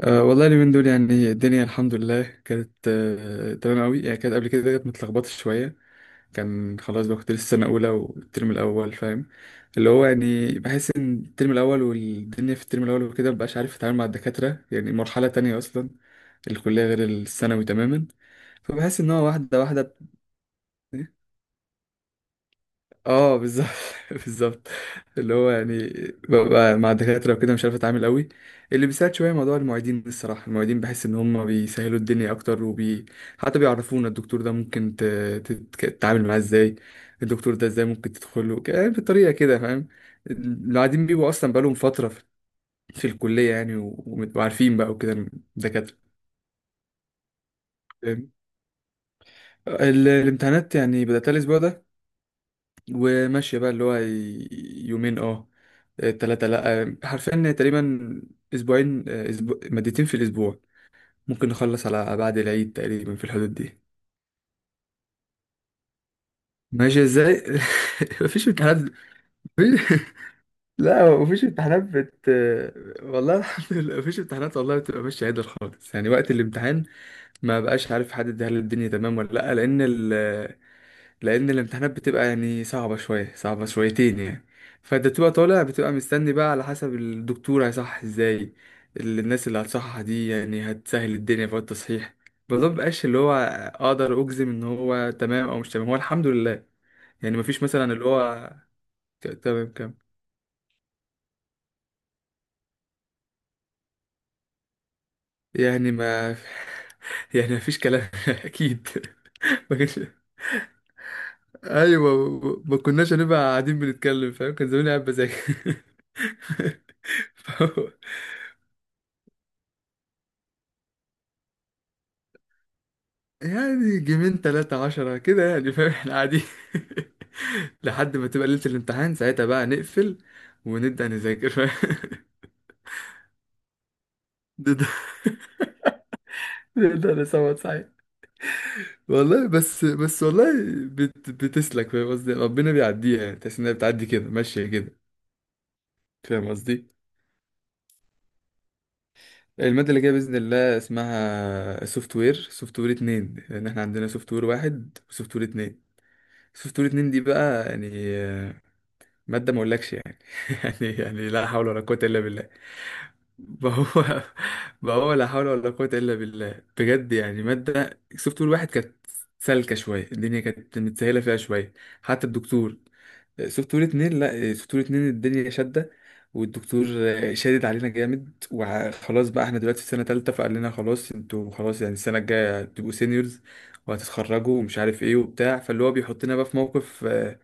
أه والله اليومين دول يعني الدنيا الحمد لله كانت تمام قوي يعني كانت قبل كده كانت متلخبطة شوية. كان خلاص بقى كنت لسه سنة أولى والترم الأول فاهم اللي هو يعني بحس إن الترم الأول والدنيا في الترم الأول وكده مبقاش عارف أتعامل مع الدكاترة يعني مرحلة تانية أصلا. الكلية غير الثانوي تماما. فبحس إن هو واحدة واحدة. اه، بالظبط. بالظبط. اللي هو يعني ببقى مع الدكاترة وكده مش عارف اتعامل قوي. اللي بيساعد شوية موضوع المعيدين، الصراحة المعيدين بحس ان هم بيسهلوا الدنيا اكتر حتى بيعرفونا الدكتور ده ممكن تتعامل معاه ازاي، الدكتور ده ازاي ممكن تدخله يعني بالطريقة كده فاهم. القاعدين بيبقوا اصلا بقالهم فترة في الكلية يعني وعارفين بقى وكده الدكاترة. فاهم؟ الامتحانات يعني بدأت الأسبوع ده وماشية بقى اللي هو يومين، تلاتة لأ، حرفيا تقريبا أسبوعين، أسبوع مادتين في الأسبوع. ممكن نخلص على بعد العيد تقريبا في الحدود دي. ماشي ازاي؟ مفيش امتحانات. مفيش... لا مفيش امتحانات بت. والله الحمد لله مفيش امتحانات والله، بتبقى ماشية عدل خالص يعني وقت الامتحان. ما بقاش عارف حد، هل الدنيا تمام ولا لأ، لان الامتحانات بتبقى يعني صعبه شويه صعبه شويتين يعني. فانت بتبقى طالع بتبقى مستني بقى على حسب الدكتور هيصحح ازاي. الناس اللي هتصحح دي يعني هتسهل الدنيا في التصحيح. الموضوع مبقاش اللي هو اقدر اجزم ان هو تمام او مش تمام، هو الحمد لله. يعني مفيش مثلا اللي هو تمام كام. يعني ما يعني مفيش كلام اكيد. ما كانش ايوه، ما كناش هنبقى قاعدين بنتكلم فاهم، كان زماني قاعد بذاكر. يعني جيمين تلاتة عشرة كده يعني فاهم، احنا قاعدين لحد ما تبقى ليلة الامتحان ساعتها بقى نقفل ونبدأ نذاكر فاهم. ده ده انا 7 ساعات. والله، بس والله بتسلك فاهم قصدي، ربنا بيعديها يعني، تحس انها بتعدي كده ماشية كده فاهم قصدي. المادة اللي جاية بإذن الله اسمها سوفت وير، سوفت وير اتنين، لأن احنا عندنا سوفت وير واحد وسوفت وير اتنين. سوفت وير اتنين دي بقى يعني آه، مادة ما اقولكش يعني يعني لا حول ولا قوة إلا بالله. ما هو ما هو لا حول ولا قوة إلا بالله بجد يعني. مادة سوفت وير واحد كانت سالكة شوية، الدنيا كانت متسهلة فيها شوية حتى الدكتور. سوفت وير اتنين، لا سوفت وير اتنين الدنيا شادة والدكتور شادد علينا جامد. وخلاص بقى احنا دلوقتي في سنة تالتة، فقال لنا خلاص انتوا خلاص يعني السنة الجاية هتبقوا سينيورز وهتتخرجوا ومش عارف ايه وبتاع، فاللي هو بيحطنا بقى في موقف،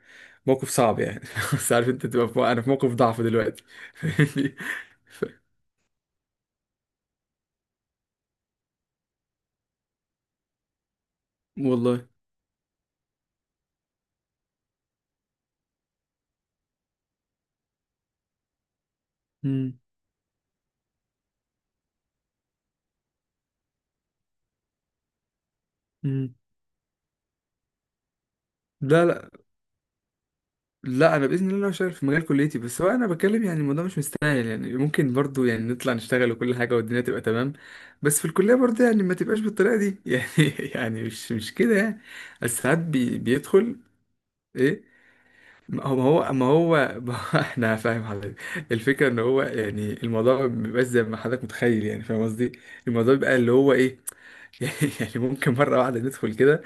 موقف صعب يعني. بس عارف انت تبقى انا في موقف ضعف دلوقتي. فاهمني؟ ف- والله. مم. مم. لا، لا، لا، انا باذن الله شغال في مجال كليتي، بس هو انا بتكلم يعني الموضوع مش مستاهل يعني، ممكن برضو يعني نطلع نشتغل وكل حاجه والدنيا تبقى تمام، بس في الكليه برضو يعني ما تبقاش بالطريقه دي يعني يعني مش كده يعني. بس ساعات بيدخل ايه. ما هو ما هو ما هو ما هو- احنا فاهم حضرتك. الفكره ان هو يعني الموضوع ما بيبقاش زي ما حضرتك متخيل يعني فاهم قصدي. الموضوع بيبقى اللي هو ايه يعني ممكن مرة واحدة ندخل كده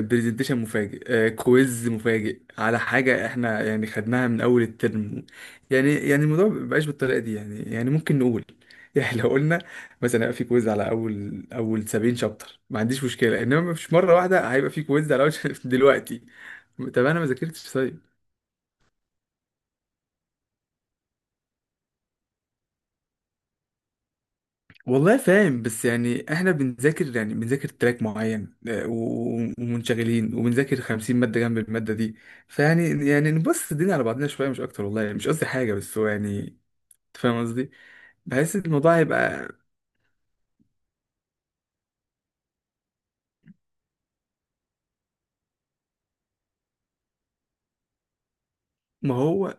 برزنتيشن مفاجئ، كويز مفاجئ على حاجة احنا يعني خدناها من أول الترم. يعني يعني الموضوع مبقاش بالطريقة دي، يعني يعني ممكن نقول يعني لو قلنا مثلا هيبقى في كويز على أول 70 شابتر ما عنديش مشكلة، إنما مش مرة واحدة هيبقى في كويز على أول شابتر دلوقتي. طب أنا ما ذاكرتش طيب. والله فاهم، بس يعني احنا بنذاكر يعني بنذاكر تراك معين، ومنشغلين وبنذاكر 50 مادة جنب المادة دي. فيعني يعني نبص الدنيا على بعضنا شوية مش أكتر، والله يعني مش قصدي حاجة، بس هو يعني أنت فاهم قصدي. بحس إن الموضوع هيبقى. ما هو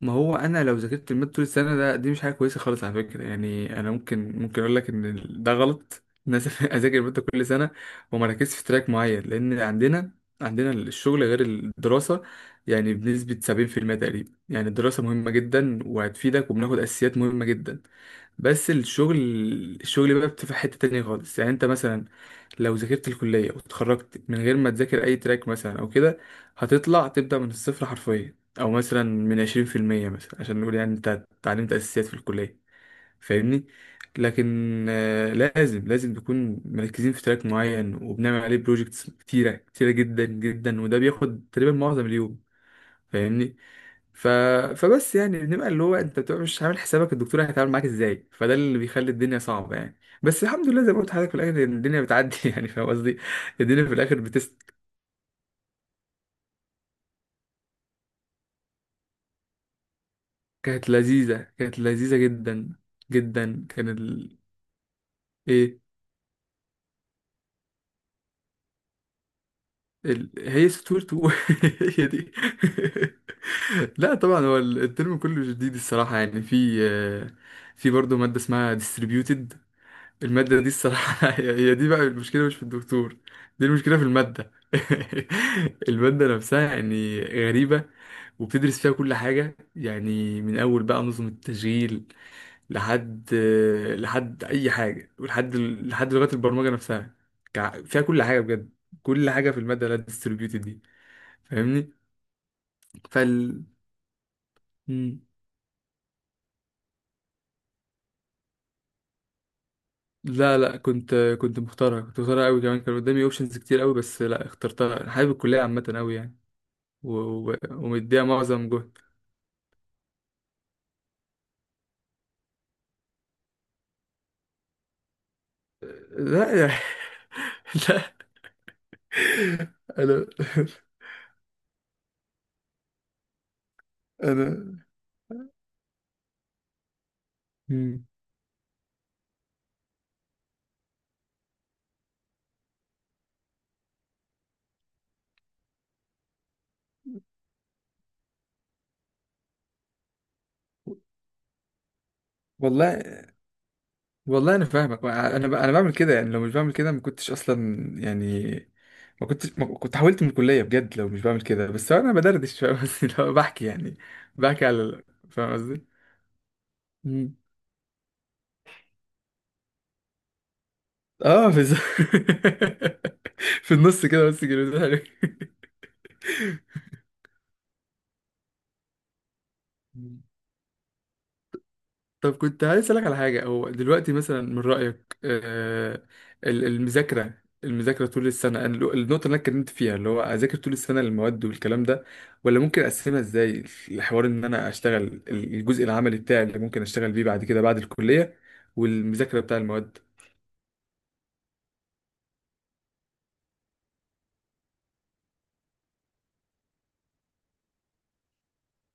ما هو انا لو ذاكرت الماده طول السنه، ده دي مش حاجه كويسه خالص على فكره. يعني انا ممكن، ممكن اقول لك ان ده غلط ان انا اذاكر الماده كل سنه وما ركزش في تراك معين، لان عندنا الشغل غير الدراسه، يعني بنسبه 70% تقريبا يعني. الدراسه مهمه جدا وهتفيدك وبناخد اساسيات مهمه جدا. بس الشغل، الشغل بقى بتبقى حته تانية خالص. يعني انت مثلا لو ذاكرت الكلية واتخرجت من غير ما تذاكر أي تراك مثلا أو كده هتطلع تبدأ من الصفر حرفيا، أو مثلا من 20% مثلا عشان نقول يعني أنت اتعلمت أساسيات في الكلية فاهمني. لكن لازم، لازم نكون مركزين في تراك معين وبنعمل عليه بروجيكتس كتيرة كتيرة جدا جدا، وده بياخد تقريبا معظم اليوم فاهمني. ف... فبس يعني بنبقى اللي هو انت بتبقى مش عامل حسابك الدكتور هيتعامل معاك ازاي، فده اللي بيخلي الدنيا صعبه يعني. بس الحمد لله زي ما قلت لحضرتك في الاخر الدنيا بتعدي يعني فاهم قصدي. الدنيا في الاخر كانت لذيذه، كانت لذيذه جدا جدا. كان ايه، هي سطور تو. هي دي. لا طبعا، هو الترم كله جديد الصراحه يعني. في برضه ماده اسمها distributed. المادة دي الصراحة هي هي دي بقى المشكلة مش في الدكتور، دي المشكلة في المادة. المادة نفسها يعني غريبة وبتدرس فيها كل حاجة يعني، من أول بقى نظم التشغيل لحد أي حاجة ولحد لغات البرمجة نفسها. فيها كل حاجة بجد، كل حاجة في المادة لا ديستريبيوتد دي فاهمني. فال مم. لا، لا، كنت، كنت مختارها، كنت مختارها قوي كمان. كان قدامي اوبشنز كتير قوي، بس لا، اخترتها، أنا حابب الكلية عامة قوي يعني. و- ومديها معظم جهد. لا يا لا انا، انا. مم. والله، والله انا فاهمك. انا، انا بعمل كده يعني، لو مش بعمل كده ما كنتش اصلا يعني، ما كنتش، ما كنت حاولت من الكليه بجد لو مش بعمل كده. بس انا بدردش فاهم قصدي، لو بحكي يعني بحكي على فاهم قصدي. مم. اه، في النص كده بس كده. طب كنت عايز اسالك على حاجه، هو دلوقتي مثلا من رايك، المذاكره، المذاكره طول السنه، أنا النقطه اللي انا اتكلمت فيها اللي هو اذاكر طول السنه المواد والكلام ده، ولا ممكن اقسمها ازاي، الحوار ان انا اشتغل الجزء العملي بتاعي اللي ممكن اشتغل بيه بعد كده بعد الكليه، والمذاكره بتاع المواد.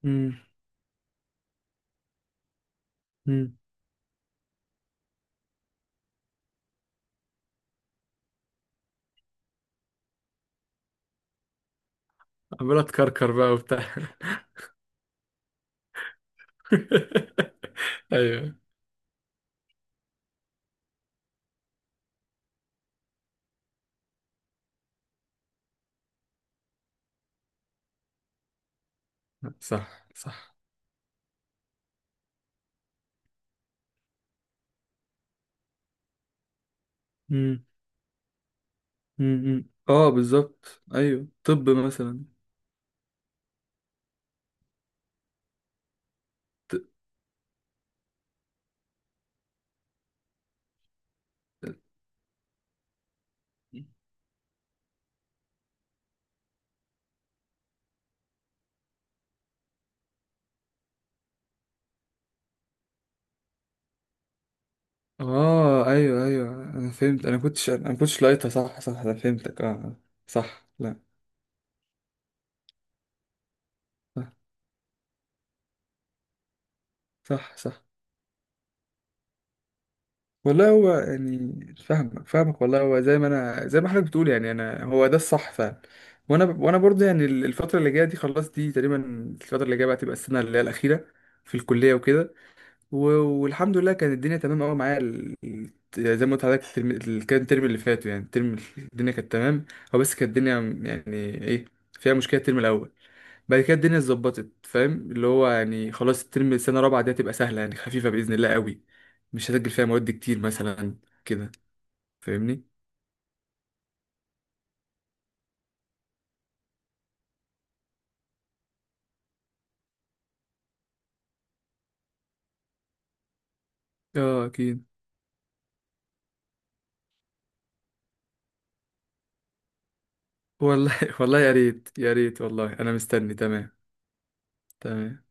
امم. امم. عمال اتكركر بقى وبتاع. ايوه، صح صح. امم. امم، اه بالظبط، ايوه طب مثلا. اه، ايوه، ايوه، انا فهمت، انا كنتش، انا كنتش لاقيتها. صح صح انا فهمتك اه. صح. لا صح صح صح. والله هو يعني فاهمك فاهمك، والله هو زي ما انا، زي ما حضرتك بتقول يعني انا هو ده الصح فعلا. وانا برضه يعني الفتره اللي جايه دي خلاص دي تقريبا، الفتره اللي جايه بقى تبقى السنه اللي هي الاخيره في الكليه وكده. و- والحمد لله كانت الدنيا تمام قوي معايا زي ما قلت لحضرتك الترم كان الترم اللي فات يعني الترم الدنيا كانت تمام. هو بس كانت الدنيا يعني ايه فيها مشكله الترم الاول، بعد كده الدنيا اتظبطت فاهم اللي هو يعني خلاص الترم السنه الرابعه دي هتبقى سهله يعني خفيفه باذن الله قوي، مش هسجل فيها مواد كتير مثلا كده فاهمني. اه اكيد. والله والله يا ريت يا ريت والله انا مستني تمام. تمام.